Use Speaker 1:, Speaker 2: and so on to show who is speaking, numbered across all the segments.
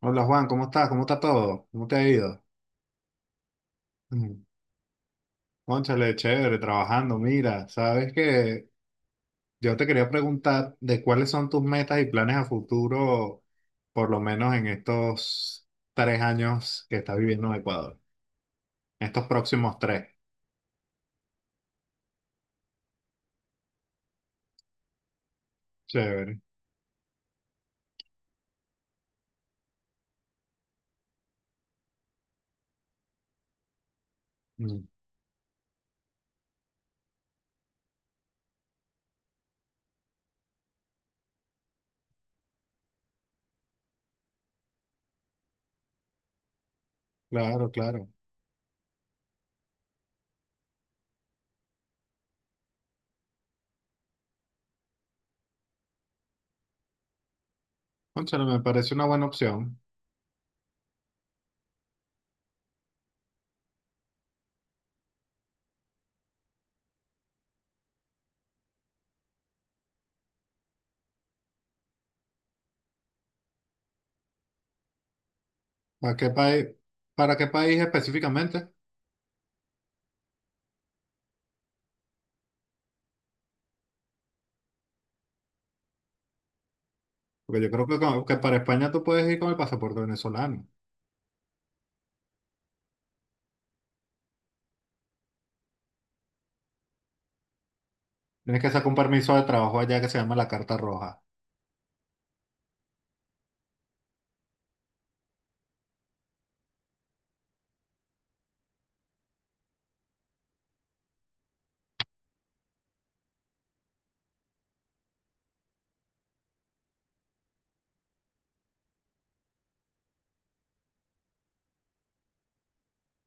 Speaker 1: Hola Juan, ¿cómo estás? ¿Cómo está todo? ¿Cómo te ha ido? Mm, Cónchale, chévere, trabajando. Mira, sabes que yo te quería preguntar de cuáles son tus metas y planes a futuro, por lo menos en estos 3 años que estás viviendo en Ecuador, en estos próximos tres. Chévere. Mm. Claro, claro. Cónchale, me parece una buena opción. ¿Para qué país, para qué país específicamente? Porque yo creo que, que para España tú puedes ir con el pasaporte venezolano. Tienes que sacar un permiso de trabajo allá que se llama la Carta Roja.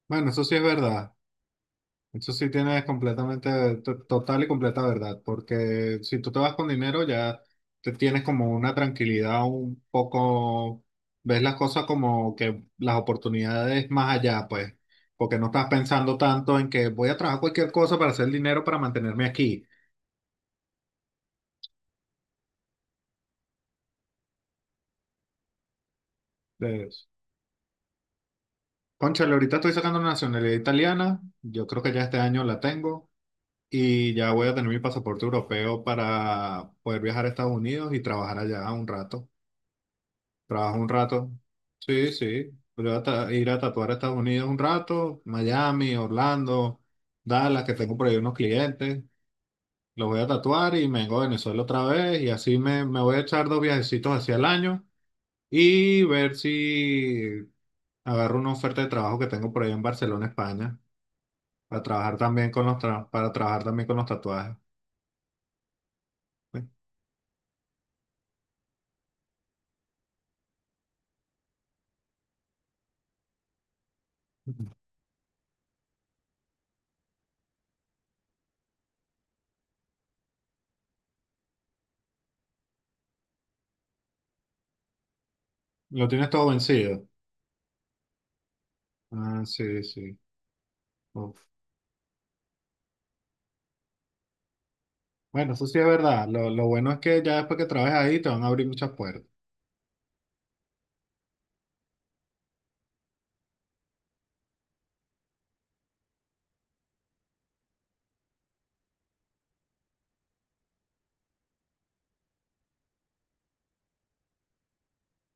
Speaker 1: Bueno, eso sí es verdad. Eso sí tienes completamente, total y completa verdad, porque si tú te vas con dinero ya te tienes como una tranquilidad un poco, ves las cosas como que las oportunidades más allá, pues, porque no estás pensando tanto en que voy a trabajar cualquier cosa para hacer dinero para mantenerme aquí. Entonces, cónchale, ahorita estoy sacando la nacionalidad italiana, yo creo que ya este año la tengo y ya voy a tener mi pasaporte europeo para poder viajar a Estados Unidos y trabajar allá un rato. Trabajo un rato. Sí, sí. Voy a ir a tatuar a Estados Unidos un rato, Miami, Orlando, Dallas, que tengo por ahí unos clientes. Los voy a tatuar y me vengo a Venezuela otra vez y así me voy a echar dos viajecitos hacia el año y ver si agarro una oferta de trabajo que tengo por ahí en Barcelona, España, para trabajar también con los tatuajes. Pues. Lo tienes todo vencido. Ah, sí, sí. Ok. Bueno, eso sí es verdad. Lo bueno es que ya después que trabajes ahí te van a abrir muchas puertas.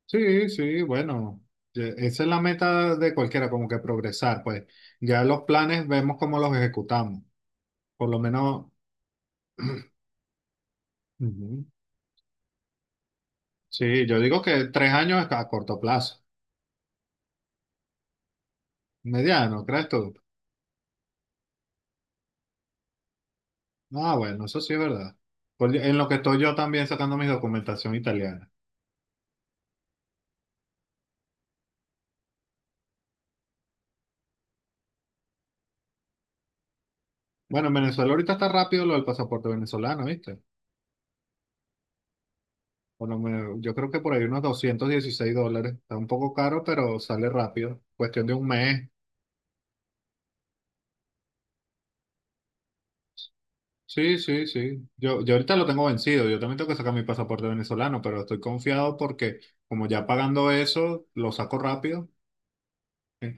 Speaker 1: Sí, sí, bueno. Esa es la meta de cualquiera, como que progresar. Pues ya los planes vemos cómo los ejecutamos. Por lo menos. Ujú. Sí, yo digo que 3 años es a corto plazo. Mediano, ¿crees tú? Ah, bueno, eso sí es verdad. En lo que estoy yo también sacando mi documentación italiana. Bueno, en Venezuela ahorita está rápido lo del pasaporte venezolano, ¿viste? Por lo menos, yo creo que por ahí unos $216. Está un poco caro, pero sale rápido. Cuestión de un mes. Sí, sí, sí. Yo ahorita lo tengo vencido. Yo también tengo que sacar mi pasaporte venezolano, pero estoy confiado porque como ya pagando eso, lo saco rápido.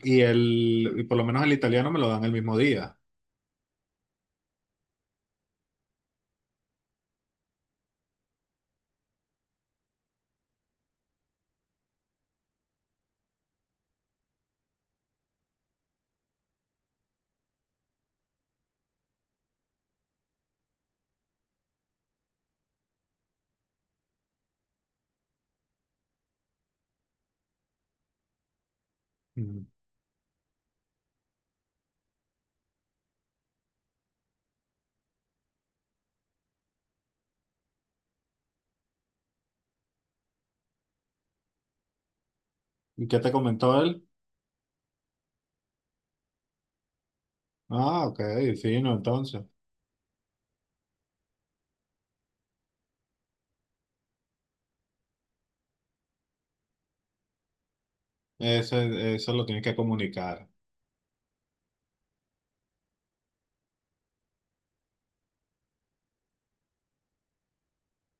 Speaker 1: Y por lo menos el italiano me lo dan el mismo día. Ujú. ¿Y qué te comentó él? Ah, ok, fino, entonces. Eso lo tienes que comunicar.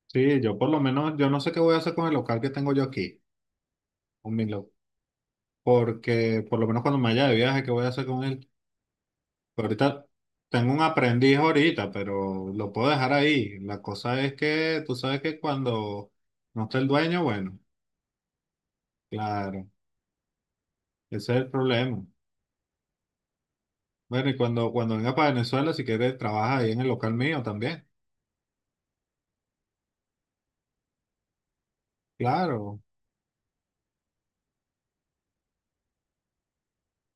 Speaker 1: Sí, yo por lo menos, yo no sé qué voy a hacer con el local que tengo yo aquí. Porque por lo menos cuando me vaya de viaje, ¿qué voy a hacer con él? Pero ahorita tengo un aprendiz ahorita, pero lo puedo dejar ahí. La cosa es que tú sabes que cuando no está el dueño, bueno, claro, ese es el problema. Bueno, y cuando venga para Venezuela, si quieres, trabaja ahí en el local mío también. Claro,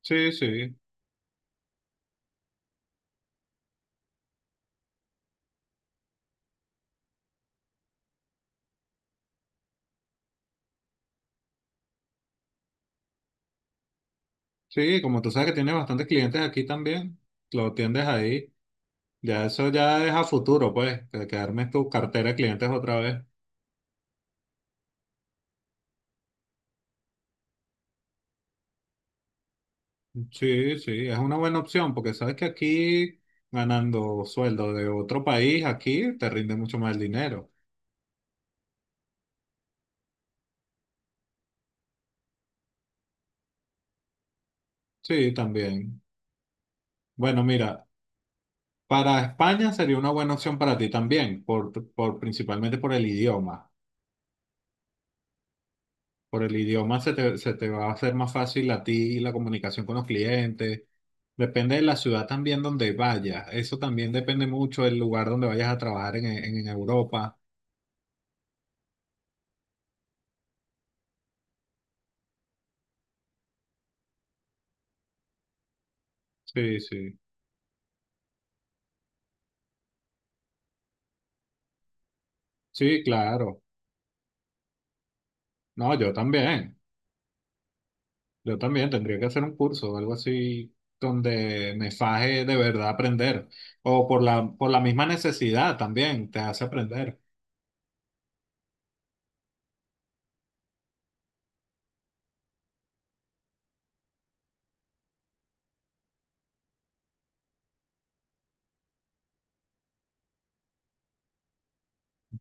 Speaker 1: sí, sí. Sí, como tú sabes que tienes bastantes clientes aquí también, lo atiendes ahí. Ya eso ya es a futuro, pues, que armes tu cartera de clientes otra vez. Sí, sí, es una buena opción porque sabes que aquí ganando sueldo de otro país, aquí te rinde mucho más el dinero. Sí, también. Bueno, mira, para España sería una buena opción para ti también, principalmente por el idioma. Por el idioma se te va a hacer más fácil a ti la comunicación con los clientes. Depende de la ciudad también donde vayas. Eso también depende mucho del lugar donde vayas a trabajar en Europa. Sí, sí. Sí, claro. No, yo también. Yo también tendría que hacer un curso o algo así donde me faje de verdad aprender. O por la misma necesidad también te hace aprender.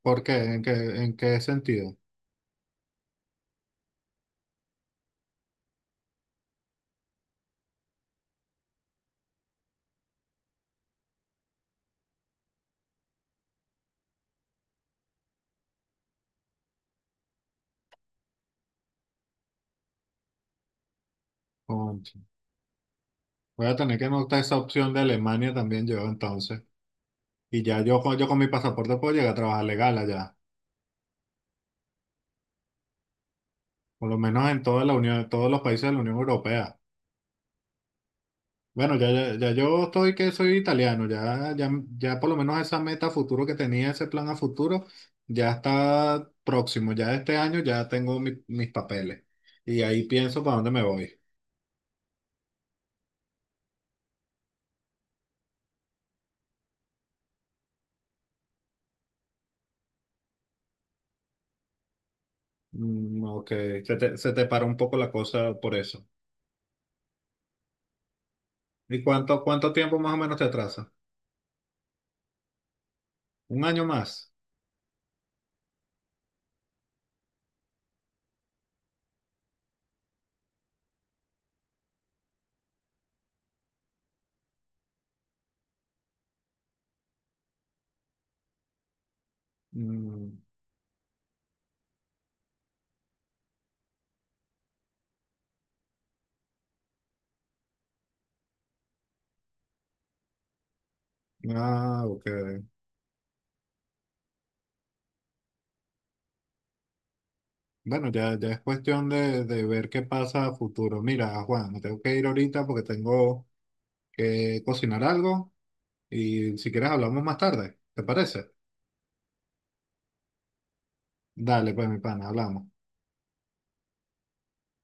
Speaker 1: ¿Por qué? ¿En qué sentido? Concho. Voy a tener que anotar esa opción de Alemania también yo entonces. Y ya yo con mi pasaporte puedo llegar a trabajar legal allá. Por lo menos en toda la Unión, todos los países de la Unión Europea. Bueno, ya, ya, ya yo estoy que soy italiano, ya, ya, ya por lo menos esa meta a futuro que tenía, ese plan a futuro, ya está próximo, ya este año ya tengo mis papeles y ahí pienso para dónde me voy. Mm, ok, se te paró un poco la cosa por eso. ¿Y cuánto tiempo más o menos te atrasa? ¿Un año más? Mm, ah, ok. Bueno, ya, ya es cuestión de ver qué pasa a futuro. Mira, Juan, me tengo que ir ahorita porque tengo que cocinar algo. Y si quieres hablamos más tarde, ¿te parece? Dale, pues mi pana, hablamos.